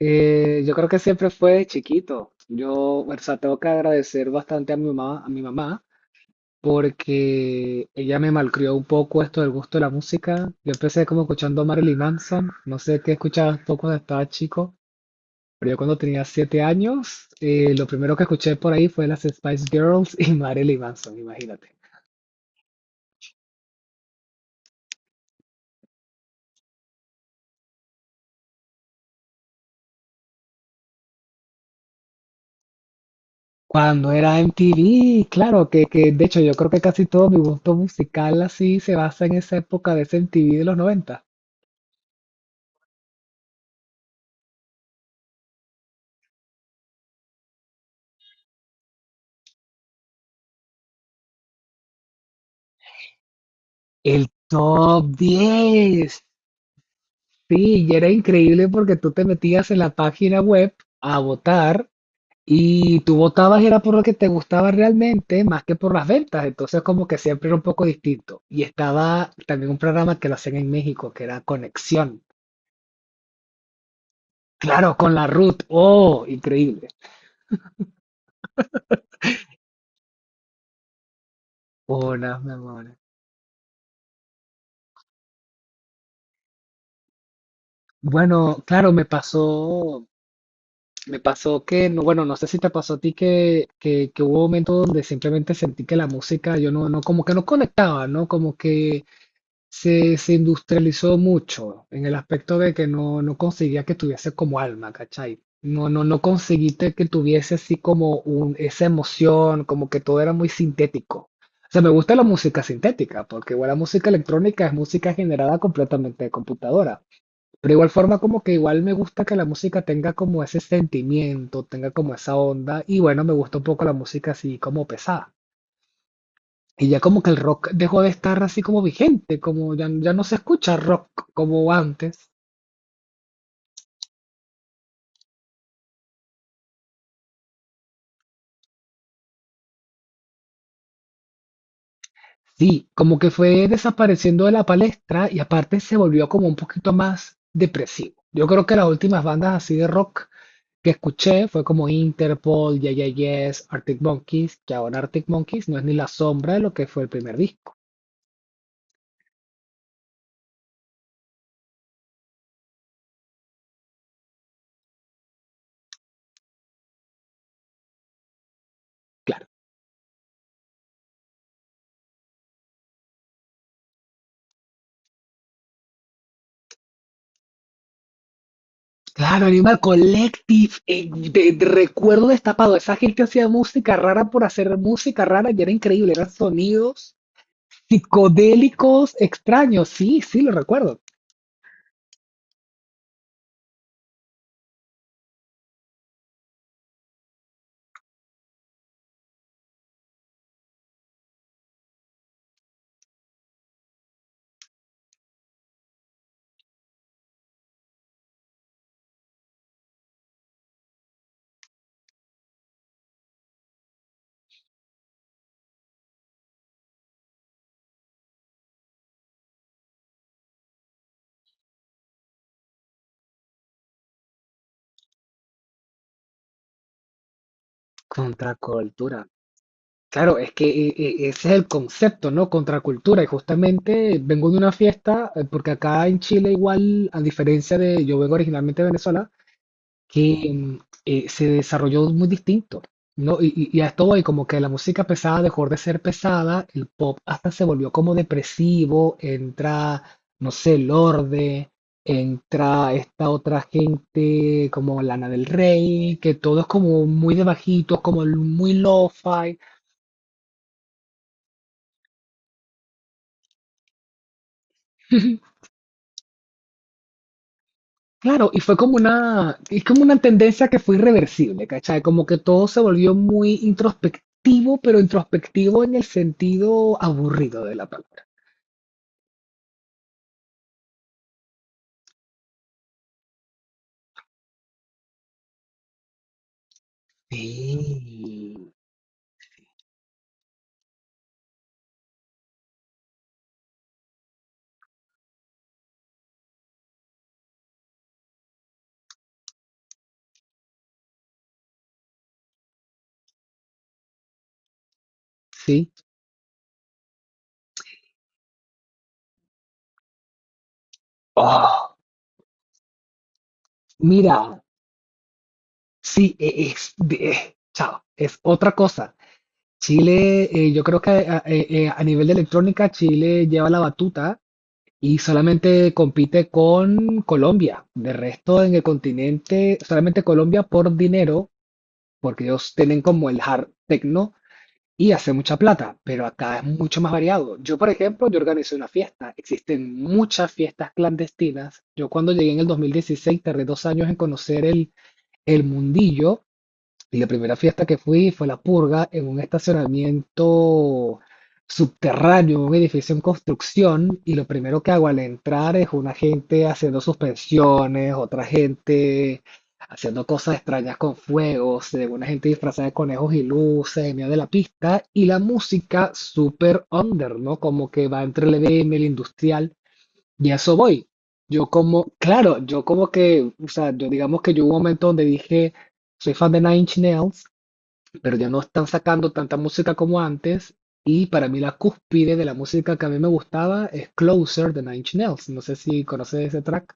Yo creo que siempre fue de chiquito. Yo, o sea, tengo que agradecer bastante a mi mamá, porque ella me malcrió un poco esto del gusto de la música. Yo empecé como escuchando a Marilyn Manson, no sé qué escuchabas tú cuando estabas chico, pero yo cuando tenía 7 años, lo primero que escuché por ahí fue las Spice Girls y Marilyn Manson, imagínate. Cuando era MTV, claro, que de hecho yo creo que casi todo mi gusto musical así se basa en esa época de ese MTV de los 90. El top 10. Sí, y era increíble porque tú te metías en la página web a votar y tú votabas era por lo que te gustaba realmente más que por las ventas. Entonces como que siempre era un poco distinto. Y estaba también un programa que lo hacían en México que era Conexión. Claro, con la Ruth. Oh, increíble. Hola, mi amor. Bueno, claro, me pasó que, no, bueno, no sé si te pasó a ti que hubo momentos donde simplemente sentí que la música, yo no, como que no conectaba, ¿no? Como que se industrializó mucho en el aspecto de que no conseguía que tuviese como alma, ¿cachai? No, no, no conseguiste que tuviese así como un, esa emoción, como que todo era muy sintético. O sea, me gusta la música sintética, porque igual la música electrónica es música generada completamente de computadora. Pero igual forma como que igual me gusta que la música tenga como ese sentimiento, tenga como esa onda y bueno, me gusta un poco la música así como pesada. Y ya como que el rock dejó de estar así como vigente, como ya, ya no se escucha rock como antes. Sí, como que fue desapareciendo de la palestra y aparte se volvió como un poquito más depresivo. Yo creo que las últimas bandas así de rock que escuché fue como Interpol, Yeah Yeah Yes, Arctic Monkeys, que ahora Arctic Monkeys no es ni la sombra de lo que fue el primer disco. Claro, claro, Animal Collective. Recuerdo destapado, esa gente hacía música rara por hacer música rara y era increíble, eran sonidos psicodélicos extraños. Sí, sí, lo recuerdo. Contracultura. Claro, es que ese es el concepto, ¿no? Contracultura. Y justamente vengo de una fiesta, porque acá en Chile igual, a diferencia de, yo vengo originalmente de Venezuela, que se desarrolló muy distinto, ¿no? Y a esto voy, como que la música pesada dejó de ser pesada, el pop hasta se volvió como depresivo, entra, no sé, el Lorde, entra esta otra gente como Lana del Rey, que todo es como muy de bajito, como muy lo-fi. Claro, y fue como una, es como una tendencia que fue irreversible, ¿cachai? Como que todo se volvió muy introspectivo, pero introspectivo en el sentido aburrido de la palabra. Sí, sí. Oh, mira, sí, es, chao, es otra cosa. Chile, yo creo que a nivel de electrónica, Chile lleva la batuta y solamente compite con Colombia. De resto, en el continente, solamente Colombia por dinero porque ellos tienen como el hard techno y hace mucha plata, pero acá es mucho más variado. Yo, por ejemplo, yo organizé una fiesta, existen muchas fiestas clandestinas. Yo cuando llegué en el 2016 tardé 2 años en conocer el mundillo y la primera fiesta que fui fue la purga en un estacionamiento subterráneo, un edificio en construcción, y lo primero que hago al entrar es una gente haciendo suspensiones, otra gente haciendo cosas extrañas con fuegos, se ve una gente disfrazada de conejos y luces en medio de la pista, y la música súper under, ¿no? Como que va entre el EDM el industrial. Y a eso voy. Yo como, claro, yo como que, o sea, yo digamos que yo hubo un momento donde dije, soy fan de Nine Inch Nails, pero ya no están sacando tanta música como antes. Y para mí la cúspide de la música que a mí me gustaba es Closer de Nine Inch Nails. No sé si conoces ese track,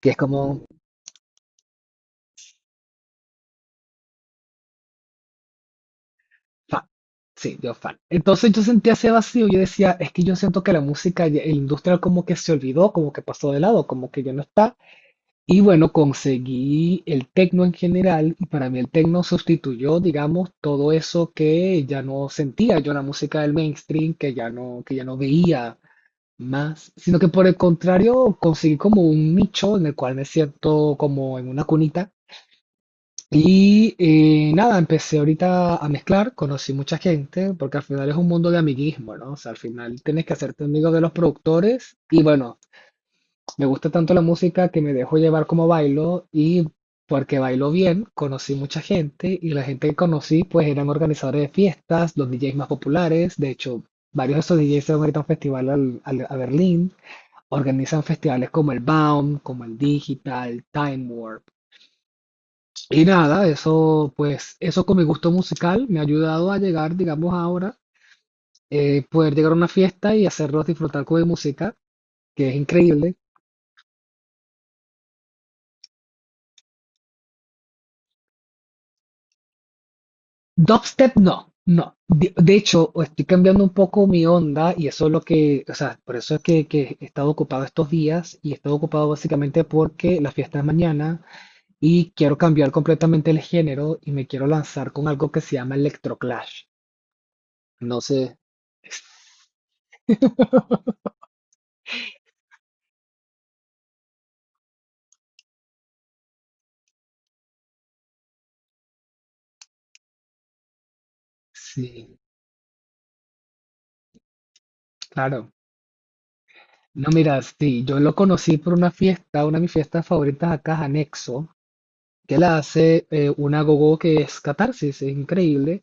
que es como fan. Sí, yo fan. Entonces yo sentía ese vacío. Yo decía, es que yo siento que la música, el industrial como que se olvidó, como que pasó de lado, como que ya no está. Y bueno, conseguí el techno en general y para mí el techno sustituyó, digamos, todo eso que ya no sentía yo en la música del mainstream, que ya no veía más, sino que por el contrario conseguí como un nicho en el cual me siento como en una cunita. Y nada, empecé ahorita a mezclar, conocí mucha gente, porque al final es un mundo de amiguismo, ¿no? O sea, al final tienes que hacerte amigo de los productores y bueno, me gusta tanto la música que me dejo llevar como bailo y porque bailo bien, conocí mucha gente y la gente que conocí pues eran organizadores de fiestas, los DJs más populares, de hecho varios de esos DJs se van ahorita a un festival a Berlín, organizan festivales como el Baum, como el Digital, Time Warp. Y nada, eso pues eso con mi gusto musical me ha ayudado a llegar, digamos ahora, poder llegar a una fiesta y hacerlos disfrutar con mi música, que es increíble. Dubstep no, no. De hecho, estoy cambiando un poco mi onda y eso es lo que, o sea, por eso es que he estado ocupado estos días y he estado ocupado básicamente porque la fiesta es mañana y quiero cambiar completamente el género y me quiero lanzar con algo que se llama Electroclash. No sé, sí, claro. No, mira, sí, yo lo conocí por una fiesta, una de mis fiestas favoritas acá, Anexo, que la hace una gogo que es Catarsis, es increíble.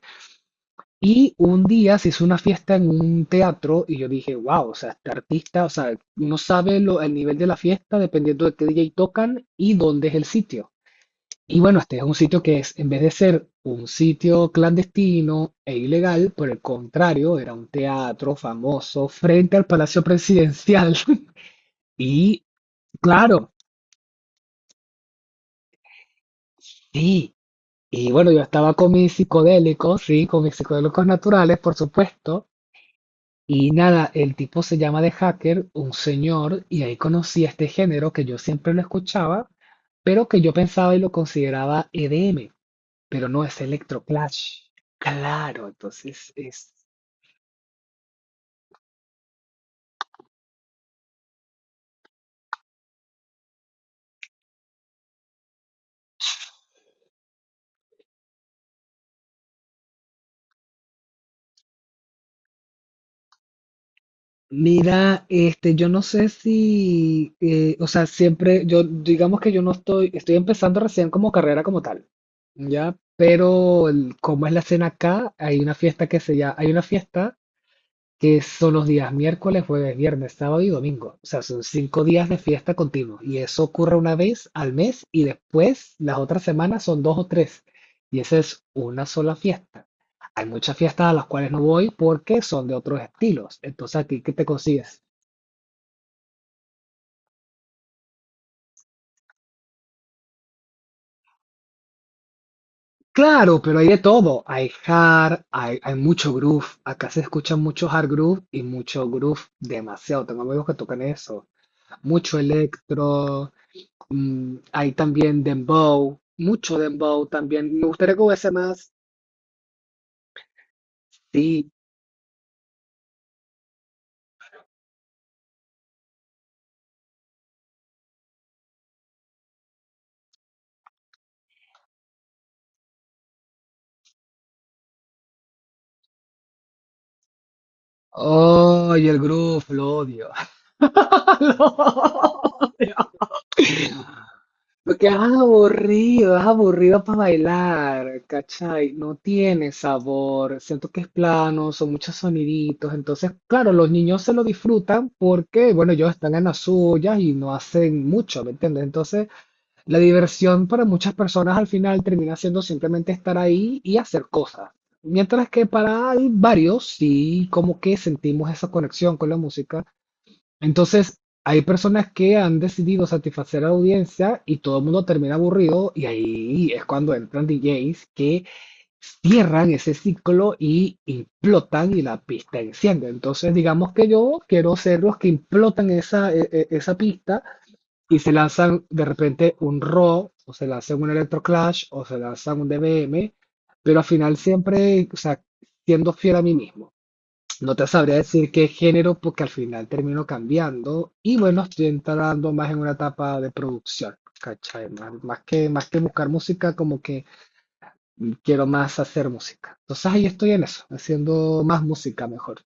Y un día se hizo una fiesta en un teatro y yo dije, wow, o sea, este artista, o sea, uno sabe el nivel de la fiesta dependiendo de qué DJ tocan y dónde es el sitio. Y bueno, este es un sitio que es, en vez de ser un sitio clandestino e ilegal, por el contrario, era un teatro famoso frente al Palacio Presidencial. Y claro, sí. Y bueno, yo estaba con mis psicodélicos, sí, con mis psicodélicos naturales, por supuesto. Y nada, el tipo se llama The Hacker, un señor, y ahí conocí este género que yo siempre lo escuchaba, pero que yo pensaba y lo consideraba EDM, pero no es Electroclash. Claro, entonces es. Mira, este, yo no sé si, o sea, siempre, yo digamos que yo no estoy, estoy empezando recién como carrera como tal, ¿ya? Pero como es la escena acá, hay una fiesta que son los días miércoles, jueves, viernes, sábado y domingo. O sea, son 5 días de fiesta continuo. Y eso ocurre una vez al mes y después las otras semanas son dos o tres. Y esa es una sola fiesta. Hay muchas fiestas a las cuales no voy porque son de otros estilos. Entonces aquí, ¿qué te consigues? Claro, pero hay de todo. Hay hard, hay mucho groove. Acá se escucha mucho hard groove y mucho groove demasiado. Tengo amigos que tocan eso. Mucho electro. Mm, hay también dembow, mucho dembow también. Me gustaría que hubiese más. Sí. Oh, y el groove, lo odio. Porque es aburrido para bailar, ¿cachai? No tiene sabor, siento que es plano, son muchos soniditos, entonces, claro, los niños se lo disfrutan porque, bueno, ellos están en las suyas y no hacen mucho, ¿me entiendes? Entonces, la diversión para muchas personas al final termina siendo simplemente estar ahí y hacer cosas. Mientras que para varios sí como que sentimos esa conexión con la música. Entonces hay personas que han decidido satisfacer a la audiencia y todo el mundo termina aburrido y ahí es cuando entran DJs que cierran ese ciclo y implotan y la pista enciende. Entonces digamos que yo quiero ser los que implotan esa pista y se lanzan de repente un Raw, o se lanzan un Electroclash, o se lanzan un DBM, pero al final siempre, o sea, siendo fiel a mí mismo. No te sabría decir qué género, porque al final termino cambiando y bueno, estoy entrando más en una etapa de producción, ¿cachai? Más que buscar música, como que quiero más hacer música. Entonces ahí estoy en eso, haciendo más música mejor.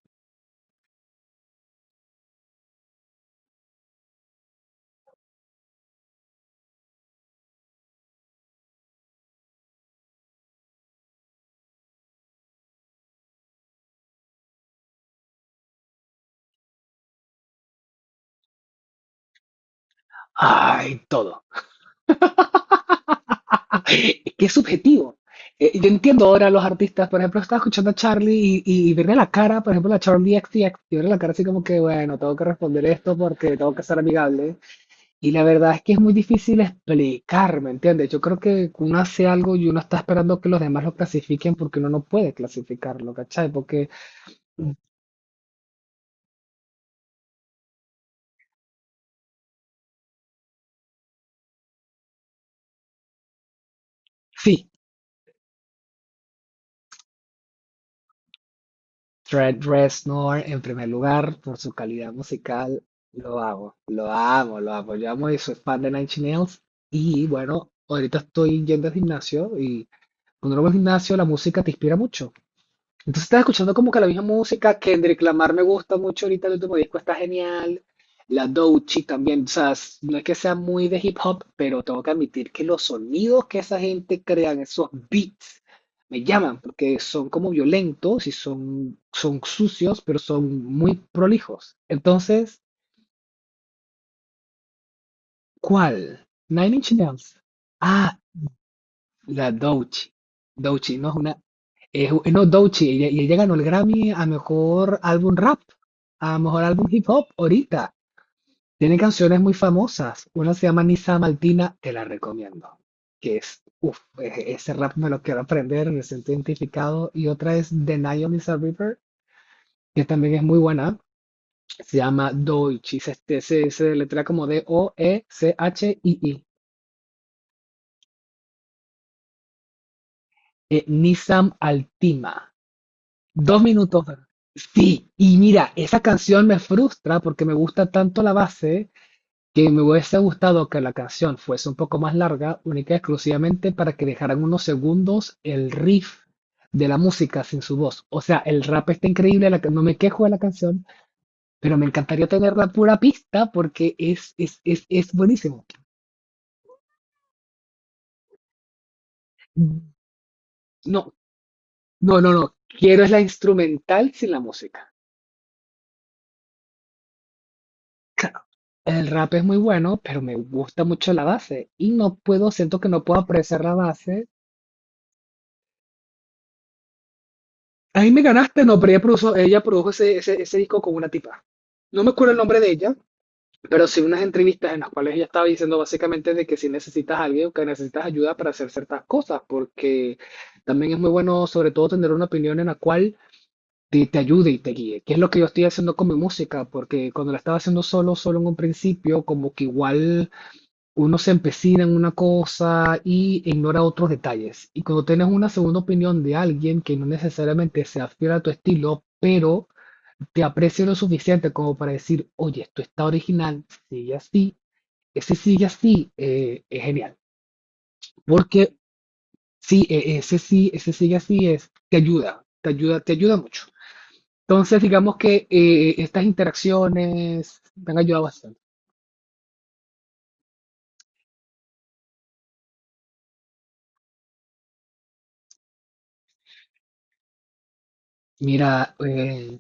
Ay, todo, que es subjetivo. Yo entiendo ahora a los artistas, por ejemplo, estaba escuchando a Charlie y verle la cara, por ejemplo, a Charlie XTX, y verle la cara así como que, bueno, tengo que responder esto porque tengo que ser amigable. Y la verdad es que es muy difícil explicar, ¿me entiendes? Yo creo que uno hace algo y uno está esperando que los demás lo clasifiquen porque uno no puede clasificarlo, ¿cachai? Porque sí, Trent Reznor, en primer lugar, por su calidad musical, lo amo, lo amo, lo amo. Yo amo y soy fan de Nine Inch Nails. Y bueno, ahorita estoy yendo al gimnasio y cuando uno va al gimnasio, la música te inspira mucho. Entonces estás escuchando como que la misma música, Kendrick Lamar me gusta mucho ahorita, el último disco está genial, la Doechii también, o sea, no es que sea muy de hip hop, pero tengo que admitir que los sonidos que esa gente crean, esos beats, me llaman, porque son como violentos y son, son sucios, pero son muy prolijos. Entonces, ¿cuál? Nine Inch Nails. Ah, la Doechii. Doechii, no, es no, Doechii, ella, y ella ganó el Grammy a mejor álbum rap, a mejor álbum hip hop, ahorita. Tiene canciones muy famosas. Una se llama Nisa Maltina, te la recomiendo. Que es, uff, ese rap me lo quiero aprender, me siento identificado. Y otra es The Night on Lisa River, que también es muy buena. Se llama Doechii, se letra como D-O-E-C-H-I-I. I i Nisam Altima. Dos minutos. Sí, y mira, esa canción me frustra porque me gusta tanto la base que me hubiese gustado que la canción fuese un poco más larga, única y exclusivamente para que dejaran unos segundos el riff de la música sin su voz. O sea, el rap está increíble, no me quejo de la canción, pero me encantaría tener la pura pista porque es buenísimo. No, no, no, no. Quiero es la instrumental sin la música. Claro, el rap es muy bueno, pero me gusta mucho la base y no puedo, siento que no puedo apreciar la base. Ahí me ganaste, no, pero ella produjo ese, ese disco con una tipa. No me acuerdo el nombre de ella, pero sí unas entrevistas en las cuales ella estaba diciendo básicamente de que si necesitas a alguien, que necesitas ayuda para hacer ciertas cosas, porque también es muy bueno, sobre todo, tener una opinión en la cual te ayude y te guíe, que es lo que yo estoy haciendo con mi música, porque cuando la estaba haciendo solo, solo en un principio, como que igual uno se empecina en una cosa y ignora otros detalles. Y cuando tienes una segunda opinión de alguien que no necesariamente sea fiel a tu estilo, pero te aprecia lo suficiente como para decir, oye, esto está original, sigue así, ese sigue así, es genial. Porque sí, ese sí, ese sigue así es, te ayuda, te ayuda, te ayuda mucho. Entonces, digamos que estas interacciones me han ayudado bastante. Mira,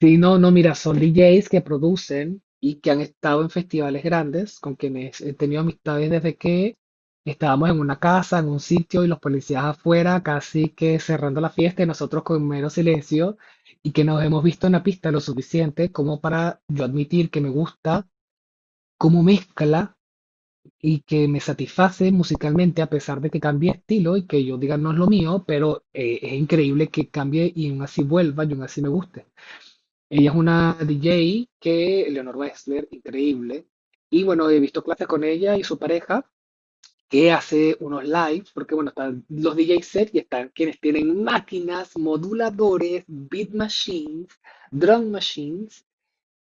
sí, no, no, mira, son DJs que producen y que han estado en festivales grandes, con quienes he tenido amistades desde que estábamos en una casa, en un sitio, y los policías afuera, casi que cerrando la fiesta, y nosotros con mero silencio, y que nos hemos visto en la pista lo suficiente como para yo admitir que me gusta cómo mezcla y que me satisface musicalmente, a pesar de que cambie estilo y que yo diga no es lo mío, pero es increíble que cambie y aún así vuelva y aún así me guste. Ella es una DJ que, Leonor Wexler, increíble. Y bueno, he visto clases con ella y su pareja, que hace unos lives, porque bueno, están los DJ set y están quienes tienen máquinas, moduladores, beat machines, drum machines,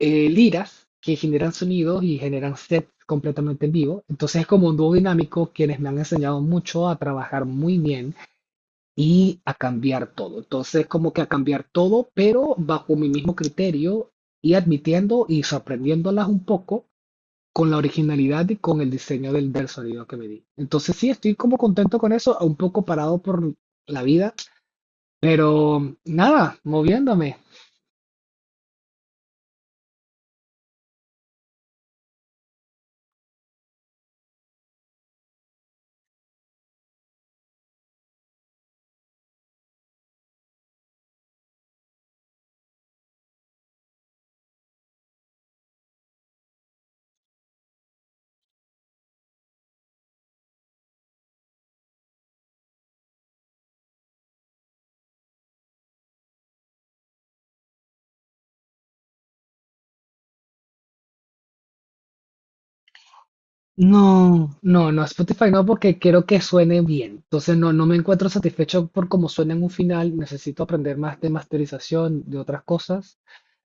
liras, que generan sonidos y generan sets completamente en vivo. Entonces es como un dúo dinámico, quienes me han enseñado mucho a trabajar muy bien y a cambiar todo. Entonces, como que a cambiar todo, pero bajo mi mismo criterio y admitiendo y sorprendiéndolas un poco con la originalidad y con el diseño del sonido que me di. Entonces, sí, estoy como contento con eso, un poco parado por la vida, pero nada, moviéndome. No, no, no, Spotify no, porque quiero que suene bien. Entonces no, no me encuentro satisfecho por cómo suena en un final. Necesito aprender más de masterización, de otras cosas.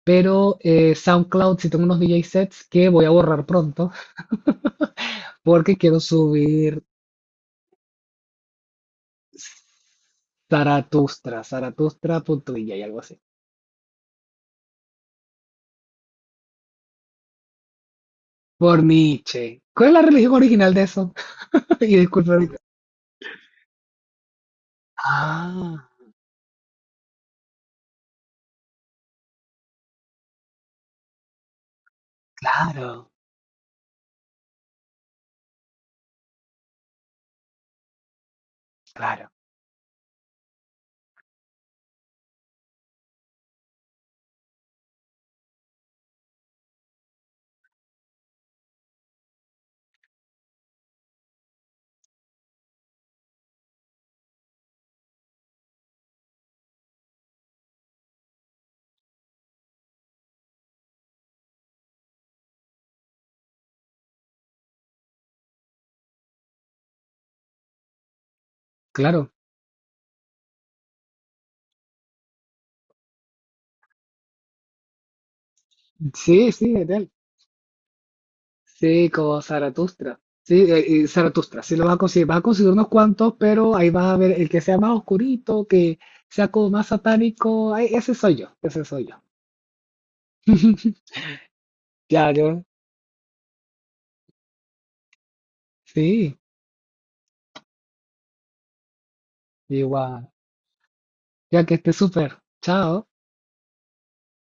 Pero SoundCloud sí tengo unos DJ sets que voy a borrar pronto porque quiero subir Zaratustra, zaratustra.dj, algo así. Por Nietzsche. ¿Cuál es la religión original de eso? Y disculpa ahorita. Ah, claro, claro, claro. Sí, sí, es de él. Sí, como Zaratustra. Sí, Zaratustra, sí lo vas a conseguir. Vas a conseguir unos cuantos, pero ahí vas a ver el que sea más oscurito, que sea como más satánico. Ay, ese soy yo, ese soy yo. Ya yo sí. Igual. Ya que esté súper. Chao.